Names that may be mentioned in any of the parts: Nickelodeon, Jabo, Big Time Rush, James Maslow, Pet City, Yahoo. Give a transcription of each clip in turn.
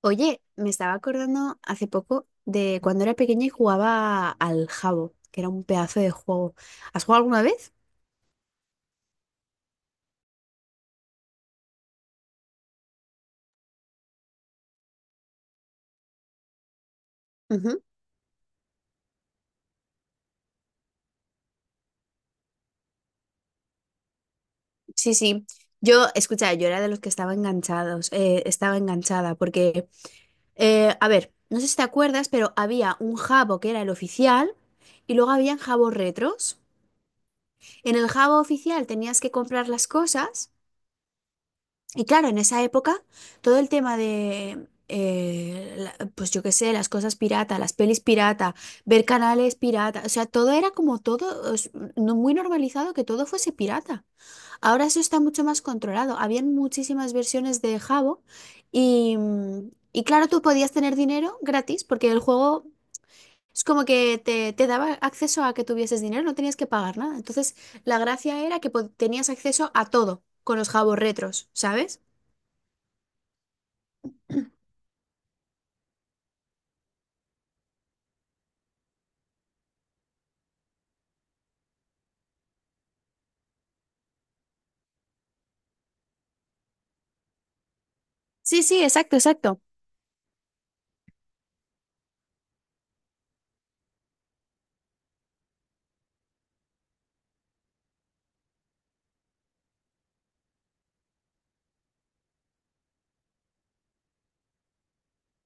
Oye, me estaba acordando hace poco de cuando era pequeña y jugaba al Jabo, que era un pedazo de juego. ¿Has jugado alguna vez? Ujú. Sí, sí. Yo, escucha, yo era de los que estaba enganchados, estaba enganchada, porque, a ver, no sé si te acuerdas, pero había un Jabo que era el oficial y luego habían Jabos retros. En el Jabo oficial tenías que comprar las cosas. Y claro, en esa época, todo el tema de, pues yo qué sé, las cosas pirata, las pelis pirata, ver canales pirata, o sea, todo era como todo, es, no muy normalizado que todo fuese pirata. Ahora eso está mucho más controlado. Habían muchísimas versiones de Jabo y, y claro, tú podías tener dinero gratis porque el juego es como que te daba acceso a que tuvieses dinero, no tenías que pagar nada. Entonces, la gracia era que tenías acceso a todo con los Jabos retros, ¿sabes? Sí, sí, exacto, exacto.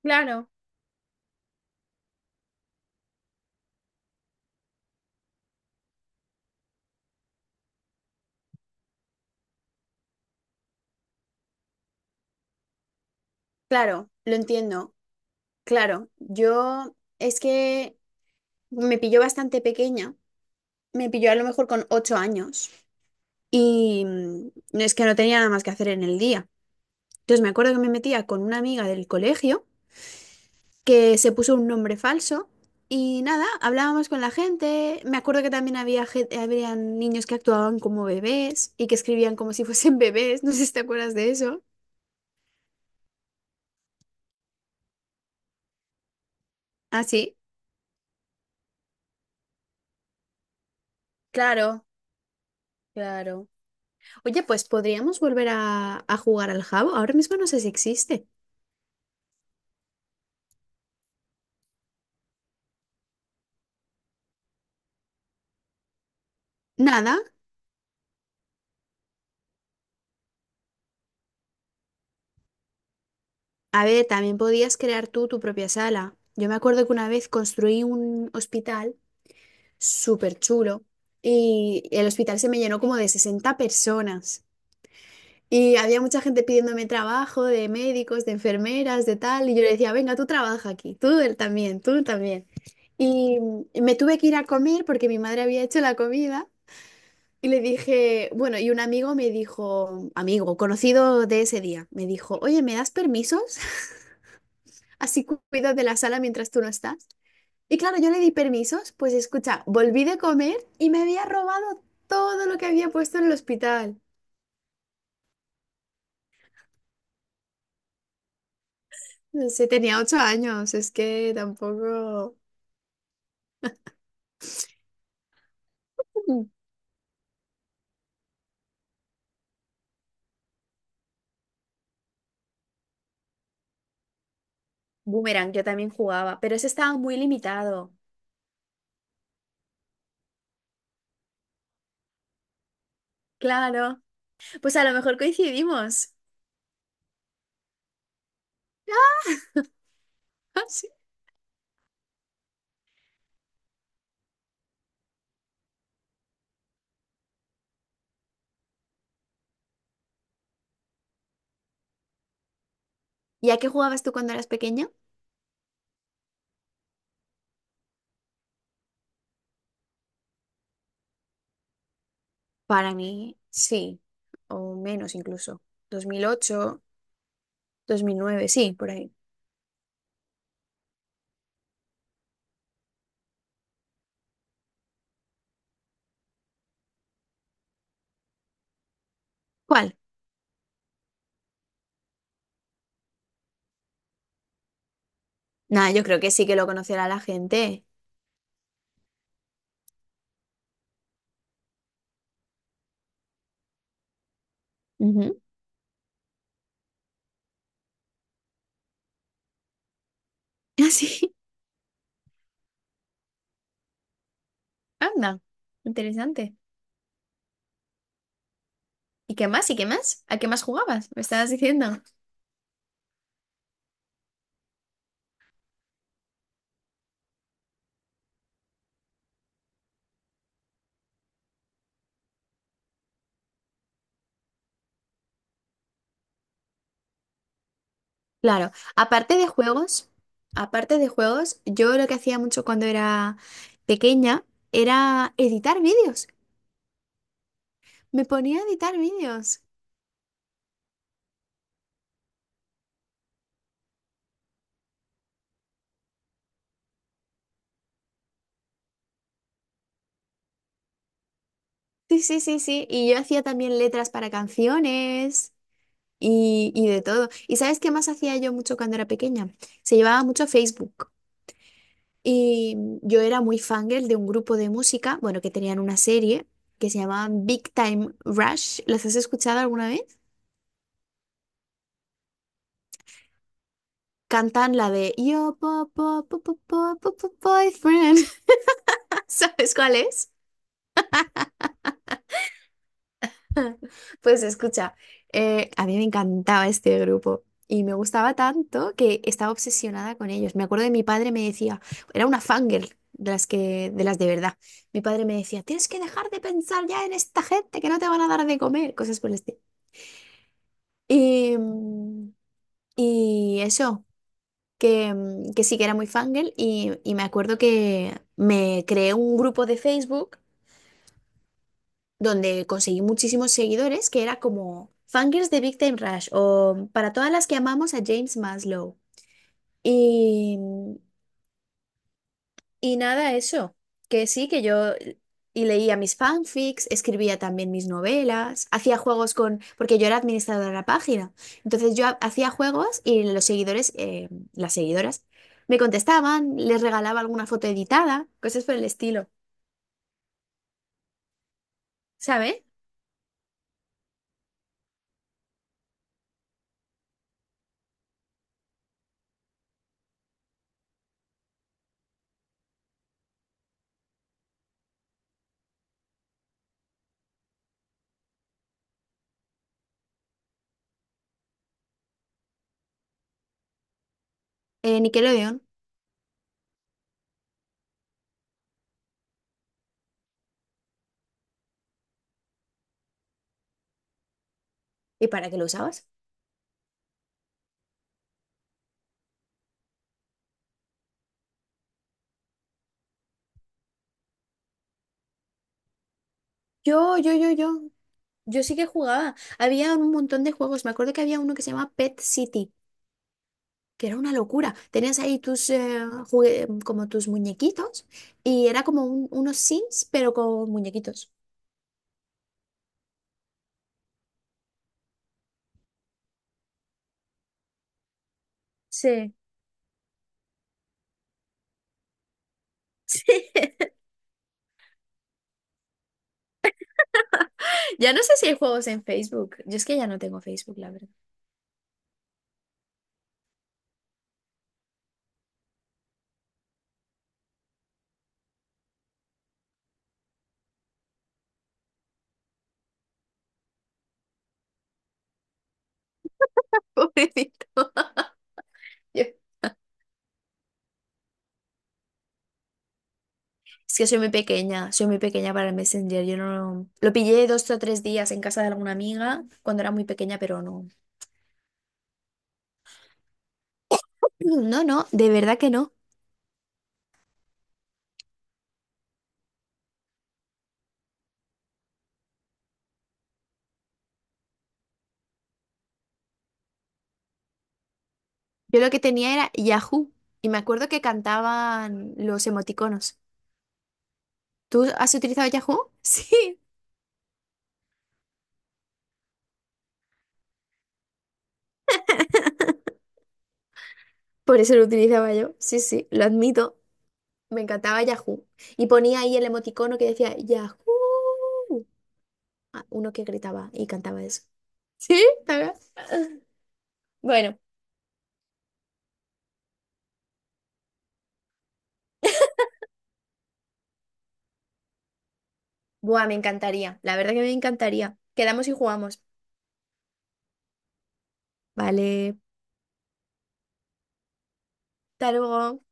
Claro. Claro, lo entiendo. Claro, yo es que me pilló bastante pequeña, me pilló a lo mejor con 8 años y no, es que no tenía nada más que hacer en el día. Entonces me acuerdo que me metía con una amiga del colegio que se puso un nombre falso y nada, hablábamos con la gente. Me acuerdo que también había habían niños que actuaban como bebés y que escribían como si fuesen bebés, no sé si te acuerdas de eso. Ah, sí, claro, claro. Oye, pues podríamos volver a jugar al jabo. Ahora mismo no sé si existe. Nada. A ver, también podías crear tú tu propia sala. Yo me acuerdo que una vez construí un hospital súper chulo y el hospital se me llenó como de 60 personas. Y había mucha gente pidiéndome trabajo de médicos, de enfermeras, de tal. Y yo le decía, venga, tú trabaja aquí, tú él también, tú también. Y me tuve que ir a comer porque mi madre había hecho la comida. Y le dije, bueno, y un amigo me dijo, amigo, conocido de ese día, me dijo, oye, ¿me das permisos? Así cuido de la sala mientras tú no estás. Y claro, yo le di permisos, pues escucha, volví de comer y me había robado todo lo que había puesto en el hospital. No sé, tenía 8 años, es que tampoco... Mm. Boomerang, yo también jugaba, pero ese estaba muy limitado. Claro, pues a lo mejor coincidimos. Ah, sí. ¿Y a qué jugabas tú cuando eras pequeña? Para mí, sí, o menos incluso. 2008, 2009, sí, por ahí. ¿Cuál? Nada, yo creo que sí que lo conocerá la gente. Ujú. Así, anda, interesante. ¿Y qué más? ¿Y qué más? ¿A qué más jugabas? Me estabas diciendo. Claro, aparte de juegos, aparte de juegos, yo lo que hacía mucho cuando era pequeña era editar vídeos. Me ponía a editar vídeos. Sí, sí, sí, sí. Y yo hacía también letras para canciones. Y, y de todo. ¿Y sabes qué más hacía yo mucho cuando era pequeña? Se llevaba mucho Facebook. Y yo era muy fangirl de un grupo de música, bueno, que tenían una serie que se llamaba Big Time Rush. ¿Las has escuchado alguna vez? Cantan la de "Yo, po, po, po, po, po, po, po, boyfriend". ¿Sabes cuál es? Pues escucha, a mí me encantaba este grupo y me gustaba tanto que estaba obsesionada con ellos. Me acuerdo de mi padre me decía, era una fangirl de las que, de las de verdad. Mi padre me decía, tienes que dejar de pensar ya en esta gente que no te van a dar de comer, cosas por el estilo. Y, y eso, que sí que era muy fangirl y me acuerdo que me creé un grupo de Facebook donde conseguí muchísimos seguidores, que era como Fangirls de Big Time Rush o para todas las que amamos a James Maslow. Y, y nada, eso, que sí, que yo y leía mis fanfics, escribía también mis novelas, hacía juegos con, porque yo era administradora de la página, entonces yo hacía juegos y los seguidores, las seguidoras, me contestaban, les regalaba alguna foto editada, cosas por el estilo, ¿sabes? Nickelodeon. ¿Y para qué lo usabas? Yo. Yo sí que jugaba. Había un montón de juegos. Me acuerdo que había uno que se llamaba Pet City, que era una locura. Tenías ahí tus como tus muñequitos y era como unos Sims, pero con muñequitos. Sí. Sí. Ya no sé si hay juegos en Facebook. Yo es que ya no tengo Facebook, la verdad. Pobrecito. Yo- Es que soy muy pequeña para el Messenger. Yo no lo pillé dos o tres días en casa de alguna amiga cuando era muy pequeña, pero no. No, no, de verdad que no. Yo lo que tenía era Yahoo y me acuerdo que cantaban los emoticonos. ¿Tú has utilizado Yahoo? Sí, por eso lo utilizaba yo. Sí, sí, lo admito. Me encantaba Yahoo. Y ponía ahí el emoticono que decía Yahoo. Ah, uno que gritaba y cantaba eso. ¿Sí? ¿También? Bueno, buah, me encantaría. La verdad que me encantaría. Quedamos y jugamos. Vale, hasta luego.